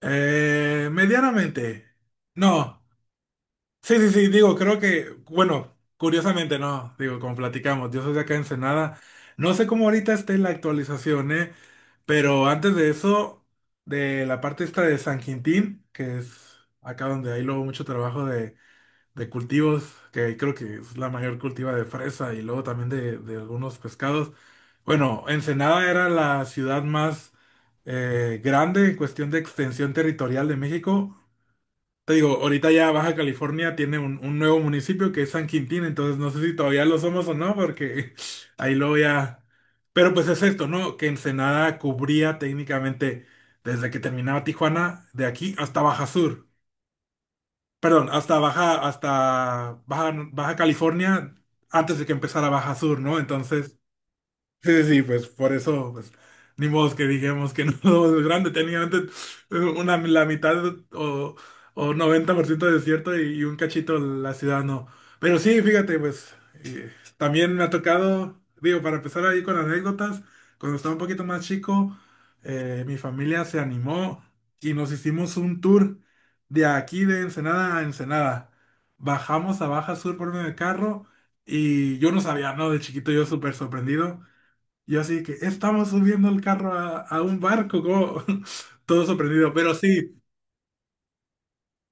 Medianamente. No. Sí, sí, sí, digo, creo que, bueno, curiosamente no, digo, como platicamos, yo soy de acá en Ensenada. No sé cómo ahorita esté la actualización, ¿eh? Pero antes de eso, de la parte esta de San Quintín, que es acá donde hay luego mucho trabajo de cultivos, que creo que es la mayor cultiva de fresa y luego también de algunos pescados. Bueno, Ensenada era la ciudad más grande en cuestión de extensión territorial de México. Te digo, ahorita ya Baja California tiene un nuevo municipio que es San Quintín, entonces no sé si todavía lo somos o no, porque ahí luego ya... Pero pues es esto, ¿no? Que Ensenada cubría técnicamente desde que terminaba Tijuana, de aquí hasta Baja Sur. Perdón, hasta Baja, Baja California, antes de que empezara Baja Sur, ¿no? Entonces, sí, sí, sí, pues por eso, pues, ni modo que dijimos que no es grande, tenía antes una, la mitad o, o 90% de desierto y un cachito la ciudad, no. Pero sí, fíjate, pues, eh, también me ha tocado, digo, para empezar ahí con anécdotas, cuando estaba un poquito más chico, mi familia se animó y nos hicimos un tour de aquí de Ensenada a Ensenada. Bajamos a Baja Sur por medio de carro y yo no sabía, ¿no? De chiquito yo súper sorprendido. Yo así que estamos subiendo el carro a un barco, como todo sorprendido, pero sí,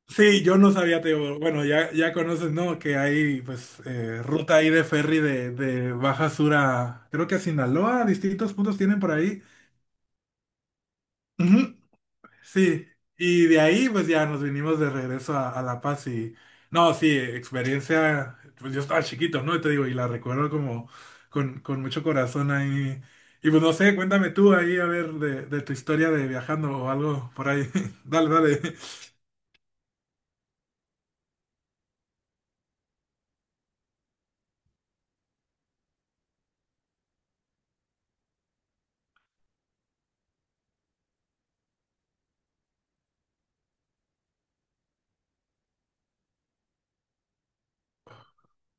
sí, yo no sabía, Teo, bueno, ya, ya conoces, ¿no? Que hay pues ruta ahí de ferry de Baja Sur a, creo que a Sinaloa, distintos puntos tienen por ahí. Ujú. Sí, y de ahí pues ya nos vinimos de regreso a La Paz y no, sí, experiencia, pues yo estaba chiquito, ¿no? Y te digo, y la recuerdo como con mucho corazón ahí. Y pues no sé, cuéntame tú ahí a ver de tu historia de viajando o algo por ahí. Dale, dale.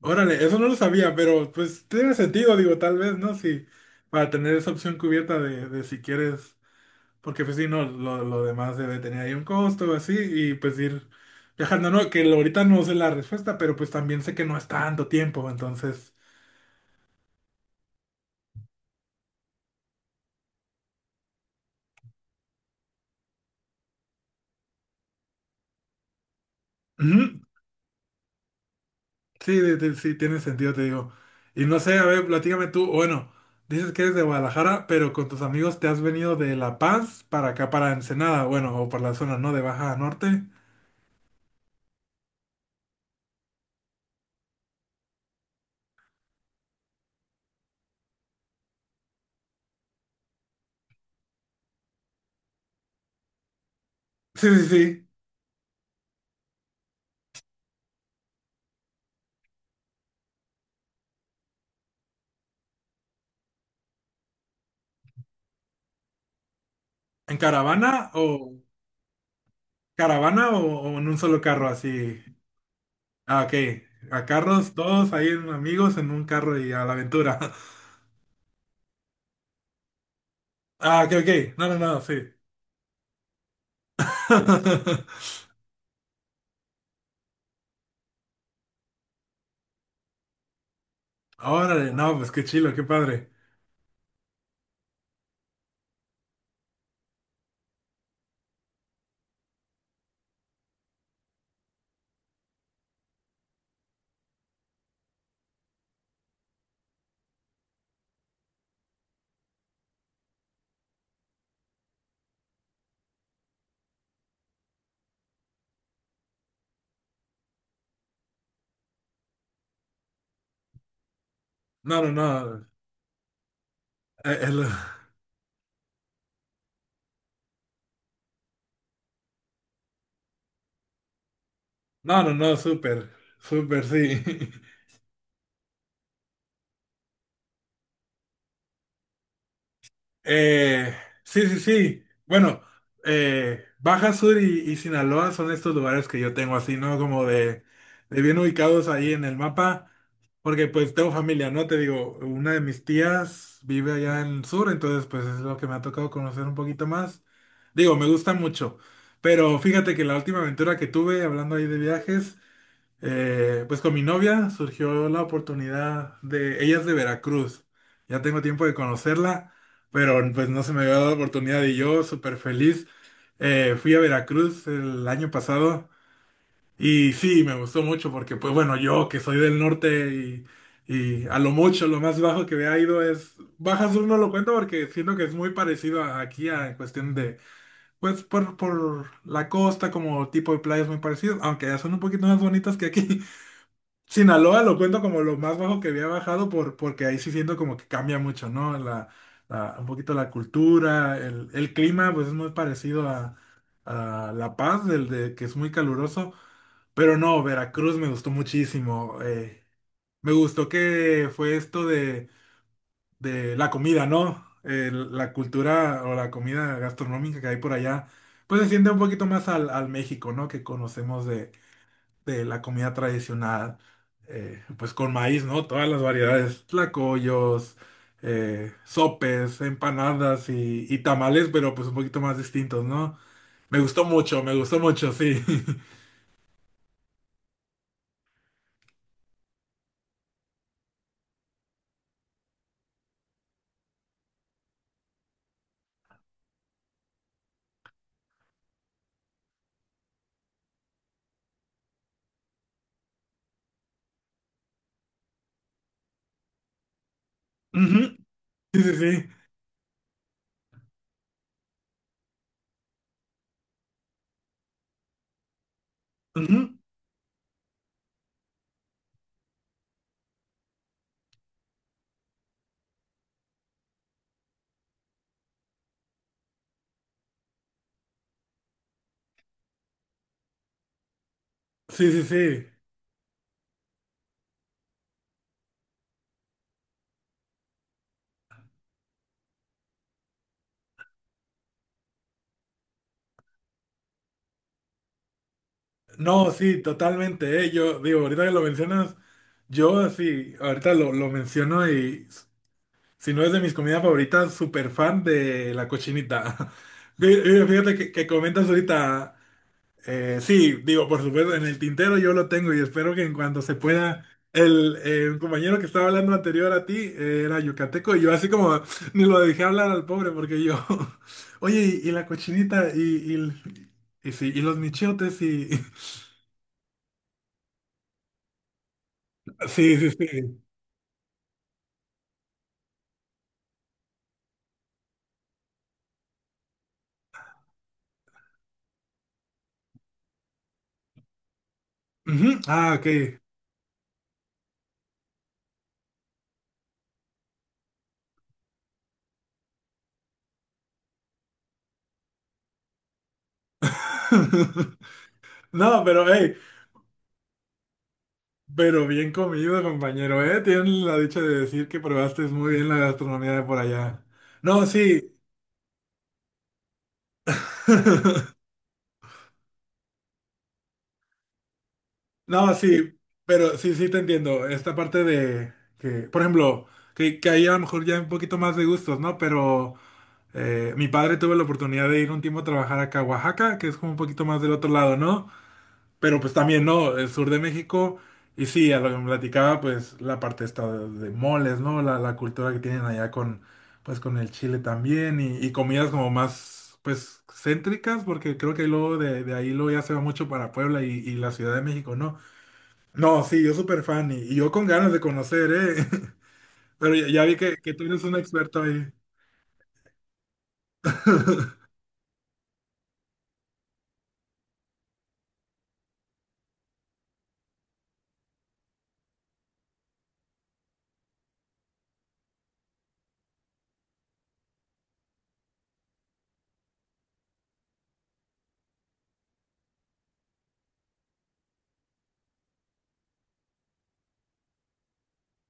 Órale, eso no lo sabía, pero pues tiene sentido, digo, tal vez, ¿no? Si para tener esa opción cubierta de si quieres. Porque pues sí, no, lo demás debe tener ahí un costo, así, y pues ir viajando, ¿no? Que lo- ahorita no sé la respuesta, pero pues también sé que no es tanto tiempo, entonces... Ujú, sí, de- sí, tiene sentido, te digo. Y no sé, a ver, platícame tú, bueno, dices que eres de Guadalajara, pero con tus amigos te has venido de La Paz para acá, para Ensenada, bueno, o por la zona, ¿no? De Baja Norte. Sí, sí, sí. ¿En caravana o caravana o en un solo carro así? Ah, ok. A carros, todos ahí en- amigos en un carro y a la aventura. Ah, ok, ok. No, no, no, sí. Órale, no, pues qué chilo, qué padre. No, no, no. El- No, no, no, súper, súper, sí. Eh, sí, sí, sí. Bueno, Baja Sur y Sinaloa son estos lugares que yo tengo así, ¿no? Como de bien ubicados ahí en el mapa, porque pues tengo familia, ¿no? Te digo, una de mis tías vive allá en el sur, entonces pues es lo que me ha tocado conocer un poquito más. Digo, me gusta mucho, pero fíjate que la última aventura que tuve, hablando ahí de viajes, pues con mi novia surgió la oportunidad de, ella es de Veracruz, ya tengo tiempo de conocerla, pero pues no se me había dado la oportunidad y yo súper feliz. Fui a Veracruz el año pasado y sí, me gustó mucho porque pues bueno, yo que soy del norte y a lo mucho, lo más bajo que había ido es, Baja Sur no lo cuento porque siento que es muy parecido a- aquí a, en cuestión de, pues por la costa como tipo de playas muy parecido, aunque ya son un poquito más bonitas que aquí. Sinaloa lo cuento como lo más bajo que había bajado por, porque ahí sí siento como que cambia mucho, ¿no? La- un poquito la cultura, el clima, pues es muy parecido a La Paz, del de que es muy caluroso, pero no, Veracruz me gustó muchísimo. Me gustó que fue esto de la comida, ¿no? El- la cultura o la comida gastronómica que hay por allá, pues se siente un poquito más al, al México, ¿no? Que conocemos de la comida tradicional, pues con maíz, ¿no? Todas las variedades, tlacoyos, sopes, empanadas y tamales, pero pues un poquito más distintos, ¿no? Me gustó mucho, sí. Ujú, sí, sí, sí. Ujú. Sí, sí, sí. No, sí, totalmente, eh. Yo digo, ahorita que lo mencionas, yo así, ahorita lo menciono y s- si no es de mis comidas favoritas, súper fan de la cochinita. Fí- Fíjate que comentas ahorita. Sí, digo, por supuesto, en el tintero yo lo tengo y espero que en cuanto se pueda, el, un compañero que estaba hablando anterior a ti era yucateco y yo así como ni lo dejé hablar al pobre porque yo, oye, y la cochinita y, el- y, sí, y los michotes y... Sí, sí, sí. Ujú, ah, ok. No, pero hey, pero bien comido, compañero, ¿eh? Tienen la dicha de decir que probaste muy bien la gastronomía de por allá. No, sí. No, sí, pero sí, sí te entiendo. Esta parte de que, por ejemplo, que ahí a lo mejor ya hay un poquito más de gustos, ¿no? Pero mi padre tuvo la oportunidad de ir un tiempo a trabajar acá a Oaxaca, que es como un poquito más del otro lado, ¿no? Pero pues también, ¿no? El sur de México. Y sí, a lo que me platicaba, pues la parte esta de moles, ¿no? La cultura que tienen allá con, pues con el chile también y comidas como más, pues, céntricas, porque creo que luego de ahí luego ya se va mucho para Puebla y la Ciudad de México, ¿no? No, sí, yo súper fan y yo con ganas de conocer, ¿eh? Pero ya, ya vi que tú eres un experto ahí.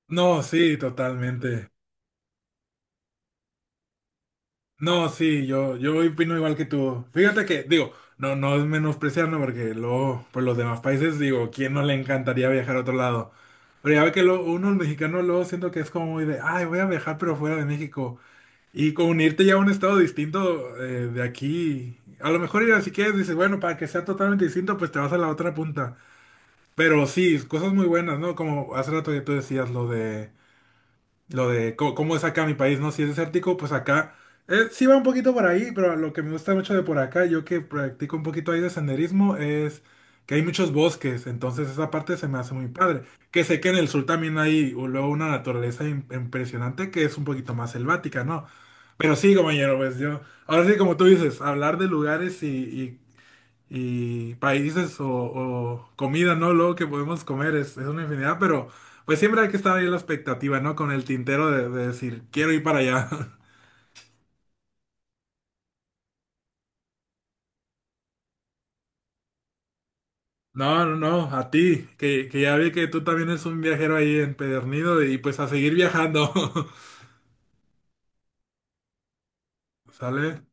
No, sí, totalmente. No, sí, yo opino igual que tú. Fíjate que, digo, no, no es menospreciando porque luego, pues los demás países, digo, ¿quién no le encantaría viajar a otro lado? Pero ya ve que lo, uno, el mexicano, luego siento que es como muy de, ay, voy a viajar pero fuera de México. Y con unirte ya a un estado distinto de aquí, a lo mejor ir así que dices, bueno, para que sea totalmente distinto, pues te vas a la otra punta. Pero sí, cosas muy buenas, ¿no? Como hace rato ya tú decías lo de co- cómo, es acá mi país, ¿no? Si es desértico, pues acá sí va un poquito por ahí, pero lo que me gusta mucho de por acá, yo que practico un poquito ahí de senderismo, es que hay muchos bosques, entonces esa parte se me hace muy padre. Que sé que en el sur también hay u- luego una naturaleza im- impresionante que es un poquito más selvática, ¿no? Pero sí, compañero, pues yo, ahora sí, como tú dices, hablar de lugares y países o comida, ¿no? Luego que podemos comer es una infinidad, pero pues siempre hay que estar ahí en la expectativa, ¿no? Con el tintero de decir, quiero ir para allá. No, no, no, a ti, que ya vi que tú también eres un viajero ahí empedernido y pues a seguir viajando, ¿sale?